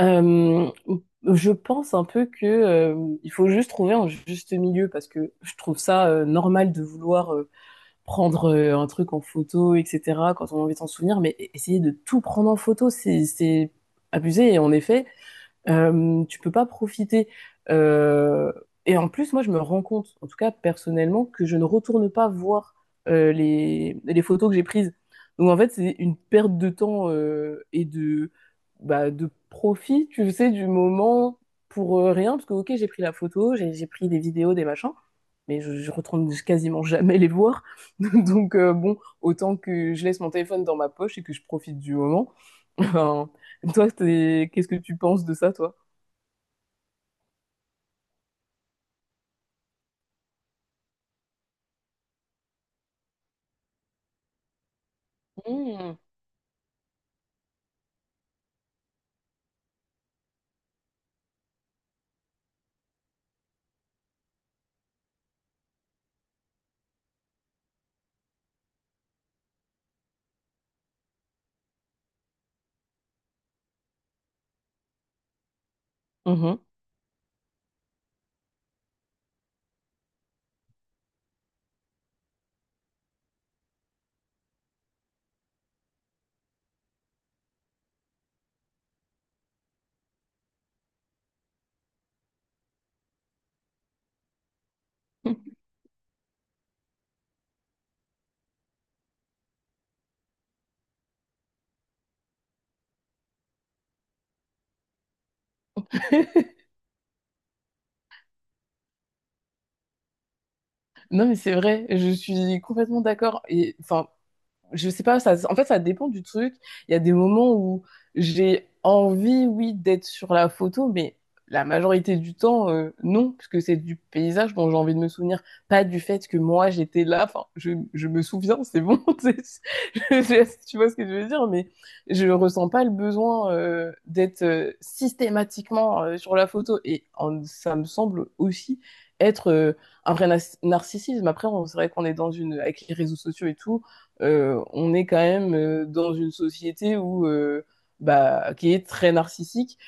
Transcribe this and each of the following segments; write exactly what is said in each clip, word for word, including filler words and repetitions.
Euh, je pense un peu que euh, il faut juste trouver un juste milieu parce que je trouve ça euh, normal de vouloir euh, prendre euh, un truc en photo, et cætera quand on a envie de s'en souvenir, mais e- essayer de tout prendre en photo, c'est c'est abusé. Et en effet, euh, tu peux pas profiter. Euh, et en plus, moi, je me rends compte, en tout cas personnellement, que je ne retourne pas voir euh, les, les photos que j'ai prises. Donc en fait, c'est une perte de temps euh, et de, bah, de profit, tu sais, du moment pour euh, rien. Parce que, ok, j'ai pris la photo, j'ai j'ai pris des vidéos, des machins, mais je, je retourne quasiment jamais les voir. Donc euh, bon, autant que je laisse mon téléphone dans ma poche et que je profite du moment. Toi, t'es- qu'est-ce que tu penses de ça, toi? Mmh. Mhm. Non, mais c'est vrai, je suis complètement d'accord. Et enfin, je sais pas, ça, en fait, ça dépend du truc. Il y a des moments où j'ai envie, oui, d'être sur la photo, mais la majorité du temps, euh, non, puisque c'est du paysage dont j'ai envie de me souvenir, pas du fait que moi j'étais là. Enfin, je, je me souviens, c'est bon, c'est- je- je- tu vois ce que je veux dire, mais je ressens pas le besoin euh, d'être euh, systématiquement euh, sur la photo. Et en- ça me semble aussi être euh, un vrai nas- narcissisme. Après, on- c'est vrai qu'on est dans une, avec les réseaux sociaux et tout, euh, on est quand même euh, dans une société où euh, bah, qui est très narcissique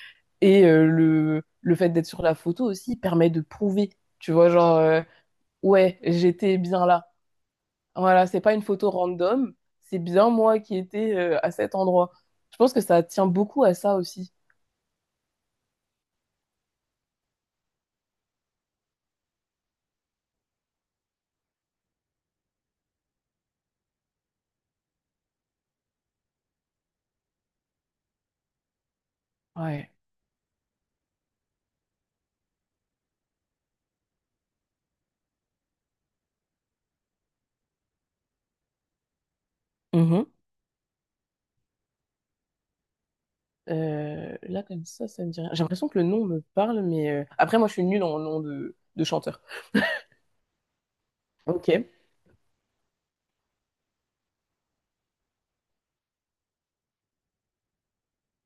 et euh, le le fait d'être sur la photo aussi permet de prouver, tu vois, genre euh, ouais, j'étais bien là. Voilà, c'est pas une photo random, c'est bien moi qui étais euh, à cet endroit. Je pense que ça tient beaucoup à ça aussi. Ouais. Mhm. Euh, là, comme ça, ça me dit rien. J'ai l'impression que le nom me parle, mais euh, après, moi, je suis nulle en nom de, de chanteur. Ok.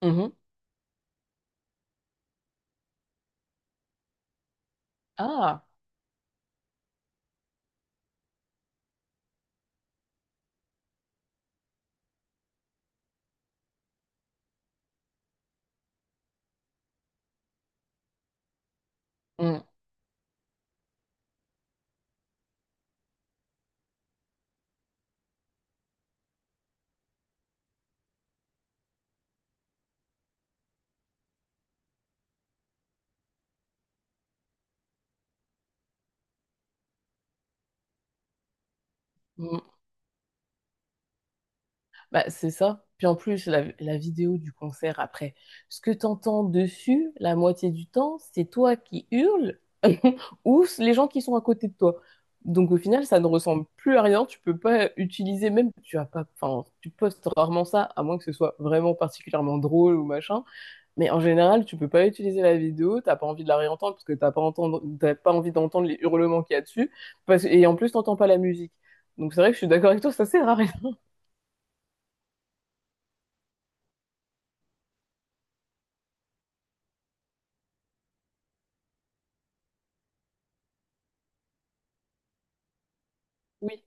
Mhm. Ah. Mm. Bah, c'est ça. Puis en plus, la, la vidéo du concert après, ce que t'entends dessus, la moitié du temps, c'est toi qui hurles ou c- les gens qui sont à côté de toi. Donc au final, ça ne ressemble plus à rien. Tu peux pas utiliser même, tu as pas, enfin, tu postes rarement ça, à moins que ce soit vraiment particulièrement drôle ou machin. Mais en général, tu peux pas utiliser la vidéo. T'as pas envie de la réentendre parce que t'as pas entendre, t'as pas envie d'entendre les hurlements qu'il y a dessus. Parce- et en plus, t'entends pas la musique. Donc c'est vrai que je suis d'accord avec toi, ça sert à rien. Oui.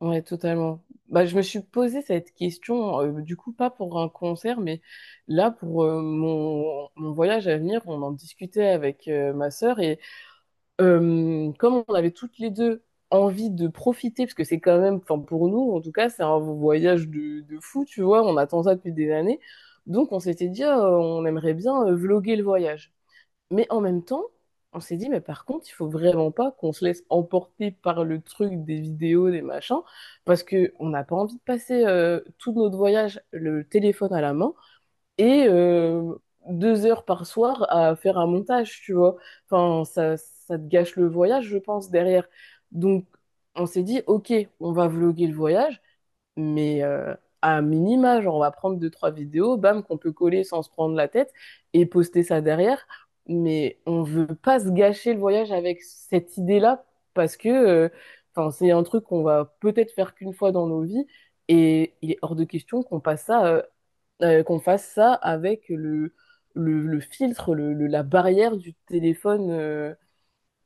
Ouais, totalement. Bah, je me suis posé cette question, euh, du coup, pas pour un concert, mais là, pour euh, mon, mon voyage à venir, on en discutait avec euh, ma sœur et euh, comme on avait toutes les deux envie de profiter, parce que c'est quand même, enfin, pour nous, en tout cas, c'est un voyage de, de fou, tu vois, on attend ça depuis des années. Donc, on s'était dit, ah, on aimerait bien euh, vloguer le voyage. Mais en même temps, on s'est dit, mais par contre, il faut vraiment pas qu'on se laisse emporter par le truc des vidéos, des machins, parce que on n'a pas envie de passer euh, tout notre voyage le téléphone à la main et euh, deux heures par soir à faire un montage, tu vois. Enfin, ça, ça te gâche le voyage, je pense, derrière. Donc, on s'est dit, ok, on va vlogger le voyage, mais euh, à minima, genre on va prendre deux, trois vidéos, bam, qu'on peut coller sans se prendre la tête et poster ça derrière. Mais on veut pas se gâcher le voyage avec cette idée-là parce que euh, enfin, c'est un truc qu'on va peut-être faire qu'une fois dans nos vies et il est hors de question qu'on passe ça, euh, euh, qu'on fasse ça avec le, le, le filtre, le, le- la barrière du téléphone euh,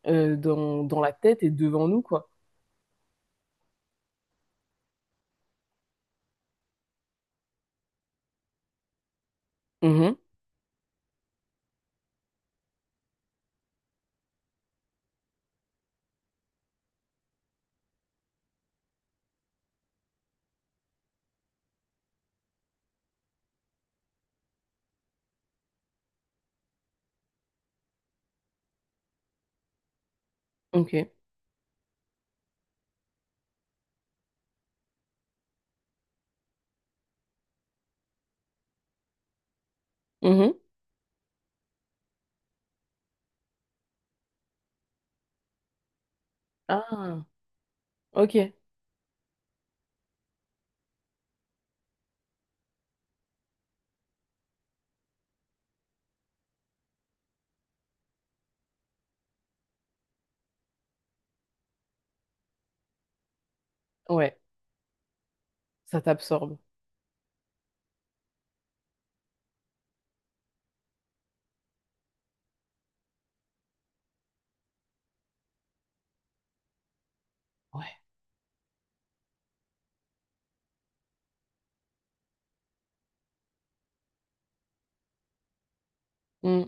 euh, dans, dans la tête et devant nous, quoi. Mhm. Ok. Mhm. Ah, ok. Ouais. Ça t'absorbe. Ouais. Mm.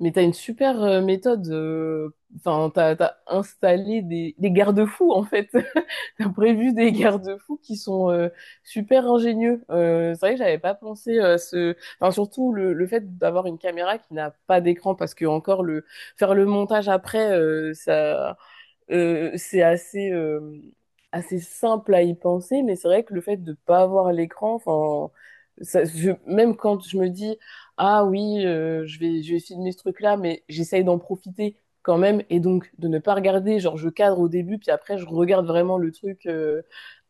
Mais t'as une super euh, méthode. euh, Enfin, t'as, t'as installé des, des garde-fous en fait. T'as prévu des garde-fous qui sont euh, super ingénieux. Euh, c'est vrai que j'avais pas pensé à ce. Enfin, surtout le, le fait d'avoir une caméra qui n'a pas d'écran parce que encore le faire le montage après, euh, ça. Euh, c'est assez, euh, assez simple à y penser, mais c'est vrai que le fait de ne pas avoir l'écran, enfin, ça- je- même quand je me dis, ah oui, euh, je vais, je vais filmer ce truc-là, mais j'essaye d'en profiter quand même, et donc de ne pas regarder, genre je cadre au début, puis après je regarde vraiment le truc euh,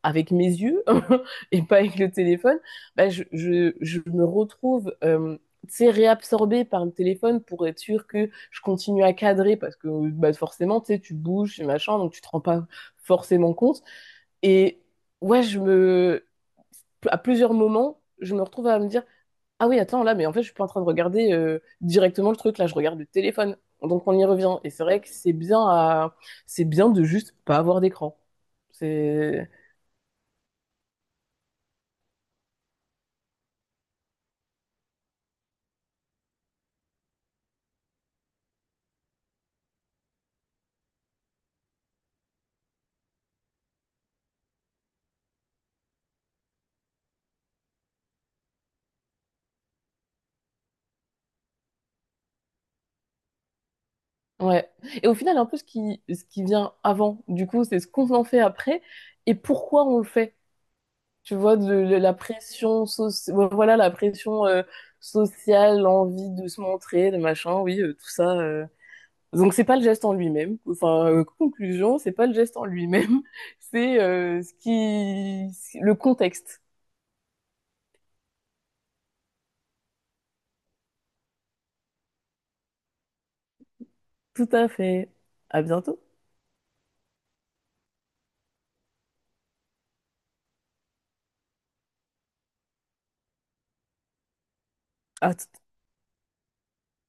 avec mes yeux et pas avec le téléphone, bah, je, je, je me retrouve euh, tu sais, réabsorbée par le téléphone pour être sûr que je continue à cadrer parce que bah, forcément, tu sais, tu bouges et machin, donc tu te rends pas forcément compte. Et ouais, je me... À plusieurs moments, je me retrouve à me dire, ah oui, attends, là, mais en fait, je suis pas en train de regarder euh, directement le truc, là, je regarde le téléphone. Donc on y revient. Et c'est vrai que c'est bien à... c'est bien de juste pas avoir d'écran. C'est... Ouais. Et au final, un peu ce qui, ce qui vient avant, du coup, c'est ce qu'on en fait après et pourquoi on le fait. Tu vois, de, de la pression soci- ouais, voilà, la pression euh, sociale, l'envie de se montrer, le machin, oui, euh, tout ça. euh. Donc c'est pas le geste en lui-même. Enfin, euh, conclusion, c'est pas le geste en lui-même, c'est euh, ce qui, le contexte. Tout à fait. À bientôt. À